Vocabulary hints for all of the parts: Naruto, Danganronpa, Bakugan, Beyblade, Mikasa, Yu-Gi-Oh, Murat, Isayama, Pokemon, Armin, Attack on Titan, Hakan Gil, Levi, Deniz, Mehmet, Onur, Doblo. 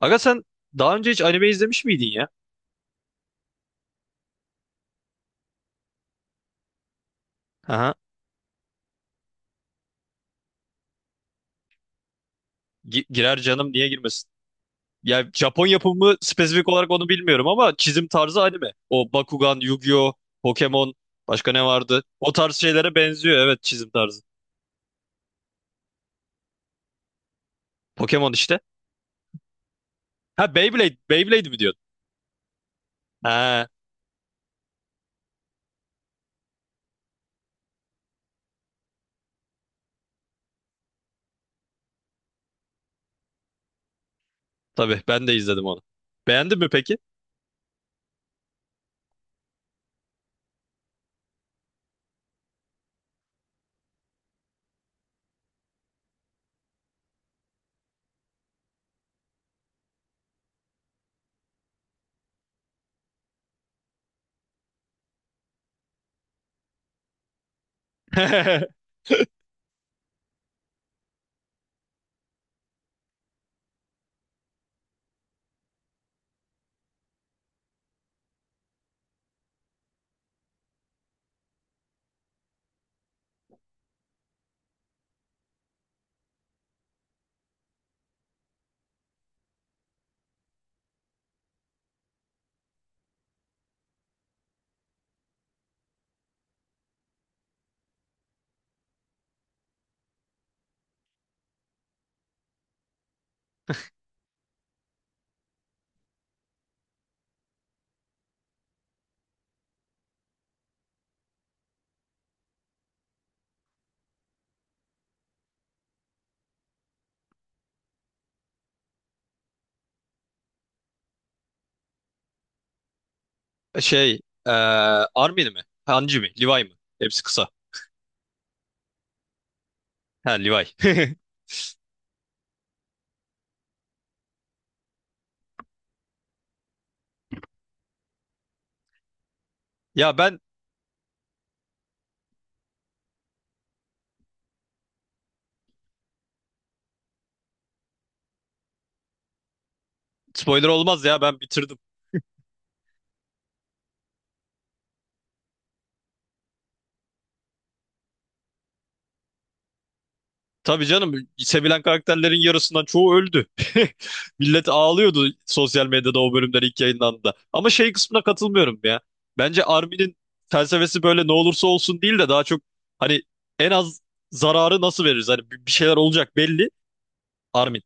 Aga sen daha önce hiç anime izlemiş miydin ya? Aha. Girer canım, niye girmesin? Ya Japon yapımı spesifik olarak onu bilmiyorum ama çizim tarzı anime. O Bakugan, Yu-Gi-Oh, Pokemon, başka ne vardı? O tarz şeylere benziyor, evet, çizim tarzı. Pokemon işte. Ha Beyblade, Beyblade mi diyordun? Ha, tabii ben de izledim onu. Beğendin mi peki? Şey, eee Armin mi? Hanji mi? Levi mi? Hepsi kısa. Ha Levi. Ya ben spoiler olmaz ya, ben bitirdim. Tabii canım, sevilen karakterlerin yarısından çoğu öldü. Millet ağlıyordu sosyal medyada o bölümler ilk yayınlandığında. Ama şey kısmına katılmıyorum ya. Bence Armin'in felsefesi böyle ne olursa olsun değil de daha çok hani en az zararı nasıl veririz? Hani bir şeyler olacak belli. Armin.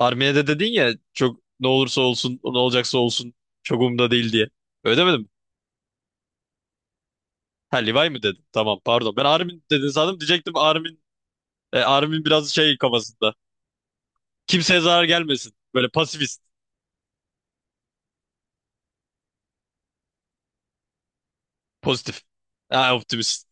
Armin'e de dedin ya çok ne olursa olsun ne olacaksa olsun çok umurumda değil diye. Öyle demedim mi? Ha Levi mi dedim? Tamam pardon. Ben Armin dedin sandım, diyecektim Armin. Armin biraz şey kafasında. Kimseye zarar gelmesin. Böyle pasifist. Pozitif. Ha, optimist.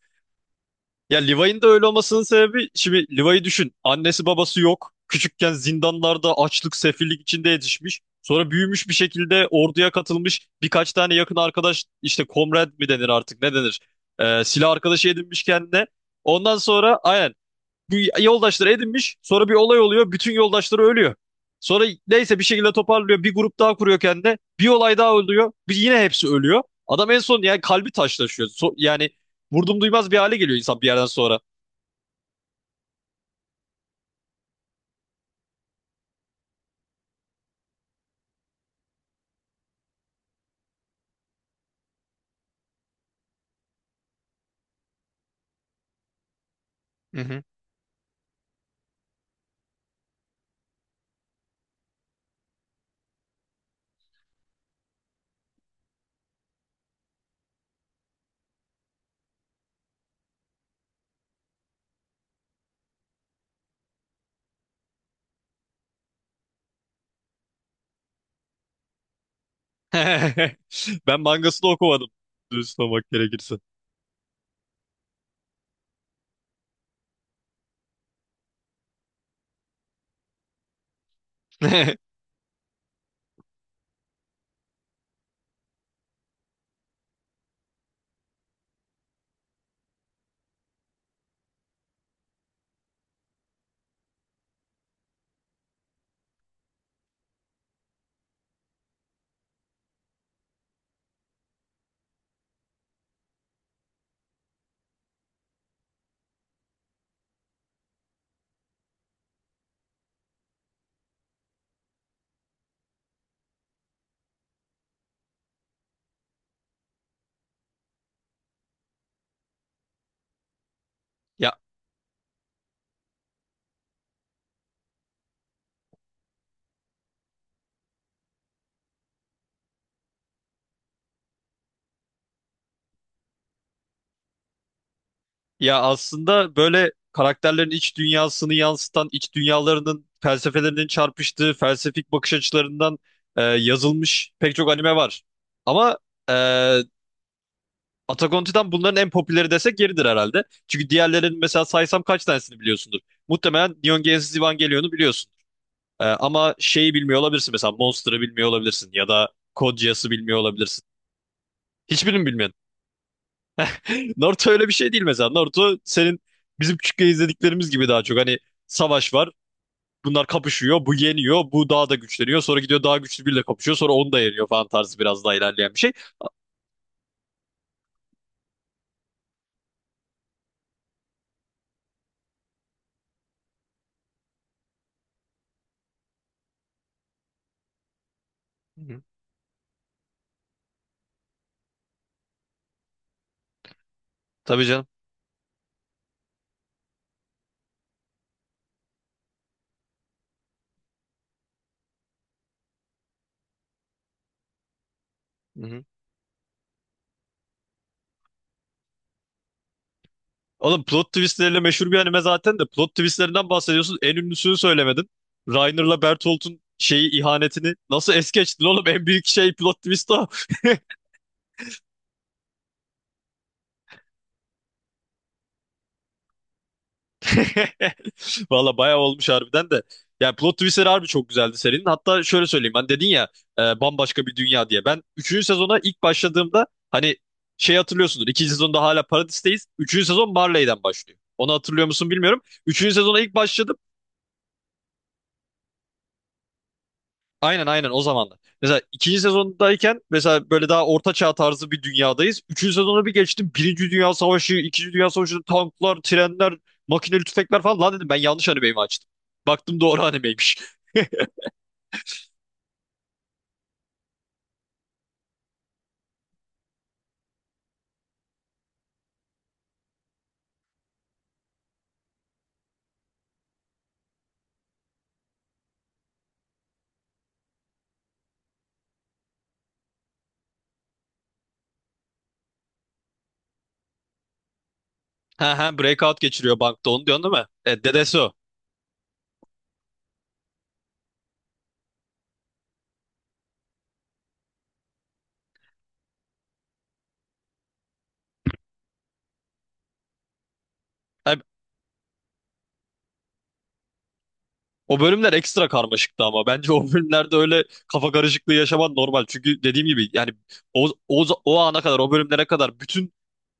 Ya Levi'nin de öyle olmasının sebebi şimdi Levi'yi düşün. Annesi babası yok. Küçükken zindanlarda açlık, sefillik içinde yetişmiş. Sonra büyümüş bir şekilde orduya katılmış. Birkaç tane yakın arkadaş işte komrad mi denir artık, ne denir? Silah arkadaşı edinmiş kendine. Ondan sonra aynen bu yoldaşları edinmiş. Sonra bir olay oluyor. Bütün yoldaşları ölüyor. Sonra neyse bir şekilde toparlıyor. Bir grup daha kuruyor kendine. Bir olay daha oluyor. Bir, yine hepsi ölüyor. Adam en son yani kalbi taşlaşıyor. Yani vurdum duymaz bir hale geliyor insan bir yerden sonra. Ben mangasını okumadım. Dürüst olmak gerekirse. Ya Ya aslında böyle karakterlerin iç dünyasını yansıtan, iç dünyalarının felsefelerinin çarpıştığı, felsefik bakış açılarından yazılmış pek çok anime var. Ama e, Attack on Titan bunların en popüleri desek yeridir herhalde. Çünkü diğerlerinin mesela saysam kaç tanesini biliyorsundur. Muhtemelen Neon Genesis Evangelion'u biliyorsun. Ama şeyi bilmiyor olabilirsin, mesela Monster'ı bilmiyor olabilirsin ya da Code Geass'ı bilmiyor olabilirsin. Hiçbirini mi bilmiyorsun? Naruto öyle bir şey değil mesela. Naruto senin bizim küçükken izlediklerimiz gibi daha çok. Hani savaş var. Bunlar kapışıyor. Bu yeniyor. Bu daha da güçleniyor. Sonra gidiyor daha güçlü biriyle kapışıyor. Sonra onu da yeniyor falan tarzı biraz daha ilerleyen bir şey. Hı hı. Tabii canım. Hı hı. Oğlum plot twistleriyle meşhur bir anime zaten de plot twistlerinden bahsediyorsun. En ünlüsünü söylemedin. Reiner'la Bertolt'un şeyi, ihanetini nasıl es geçtin oğlum? En büyük şey plot twist o. Valla bayağı olmuş harbiden de. Yani plot twistleri harbi çok güzeldi serinin. Hatta şöyle söyleyeyim. Hani dedin ya bambaşka bir dünya diye. Ben üçüncü sezona ilk başladığımda hani şey hatırlıyorsundur. 2. sezonda hala Paradis'teyiz. Üçüncü sezon Marley'den başlıyor. Onu hatırlıyor musun bilmiyorum. Üçüncü sezona ilk başladığımda aynen aynen o zamanlar. Mesela ikinci sezondayken mesela böyle daha orta çağ tarzı bir dünyadayız. Üçüncü sezona bir geçtim. Birinci Dünya Savaşı, İkinci Dünya Savaşı, tanklar, trenler, makineli tüfekler falan. Lan dedim, ben yanlış animeyi açtım? Baktım doğru animeymiş. Ha ha, breakout geçiriyor bankta onu diyorsun değil mi? E, dedesi o. O bölümler ekstra karmaşıktı ama bence o bölümlerde öyle kafa karışıklığı yaşaman normal. Çünkü dediğim gibi yani o ana kadar, o bölümlere kadar bütün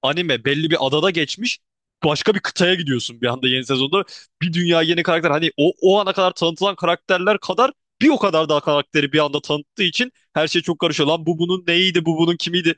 anime belli bir adada geçmiş. Başka bir kıtaya gidiyorsun bir anda yeni sezonda. Bir dünya yeni karakter, hani o ana kadar tanıtılan karakterler kadar bir o kadar daha karakteri bir anda tanıttığı için her şey çok karışıyor. Lan bu bunun neydi, bu bunun kimiydi?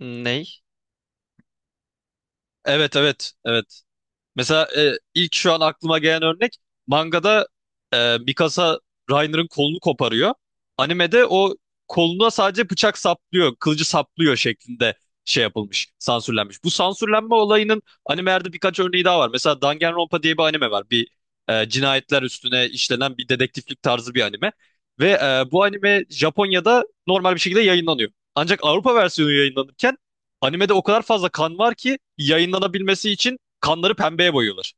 Ney? Evet evet evet. Mesela ilk şu an aklıma gelen örnek, mangada Mikasa Reiner'ın kolunu koparıyor. Animede o koluna sadece bıçak saplıyor, kılıcı saplıyor şeklinde şey yapılmış, sansürlenmiş. Bu sansürlenme olayının animelerde birkaç örneği daha var. Mesela Danganronpa diye bir anime var. Bir cinayetler üstüne işlenen bir dedektiflik tarzı bir anime. Ve bu anime Japonya'da normal bir şekilde yayınlanıyor. Ancak Avrupa versiyonu yayınlanırken animede o kadar fazla kan var ki yayınlanabilmesi için kanları pembeye boyuyorlar.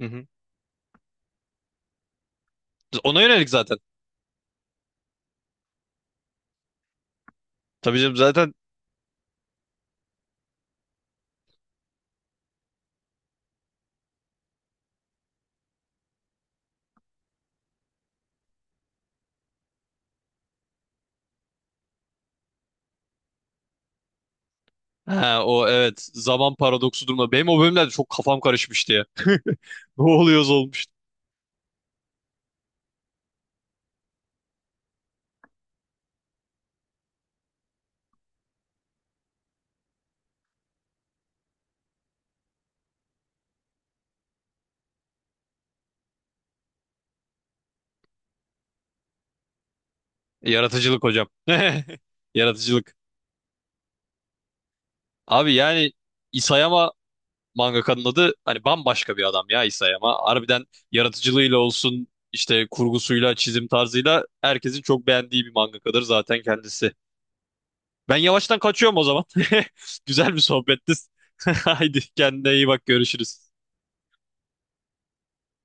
Hı hı. Ona yönelik zaten. Tabii canım zaten. Ha, o evet, zaman paradoksu durma. Benim o bölümlerde çok kafam karışmıştı ya. Ne oluyoruz olmuştu. Yaratıcılık hocam. Yaratıcılık. Abi yani Isayama, mangakanın adı hani, bambaşka bir adam ya Isayama. Harbiden yaratıcılığıyla olsun, işte kurgusuyla, çizim tarzıyla herkesin çok beğendiği bir mangakadır zaten kendisi. Ben yavaştan kaçıyorum o zaman. Güzel bir sohbetti. Haydi kendine iyi bak, görüşürüz.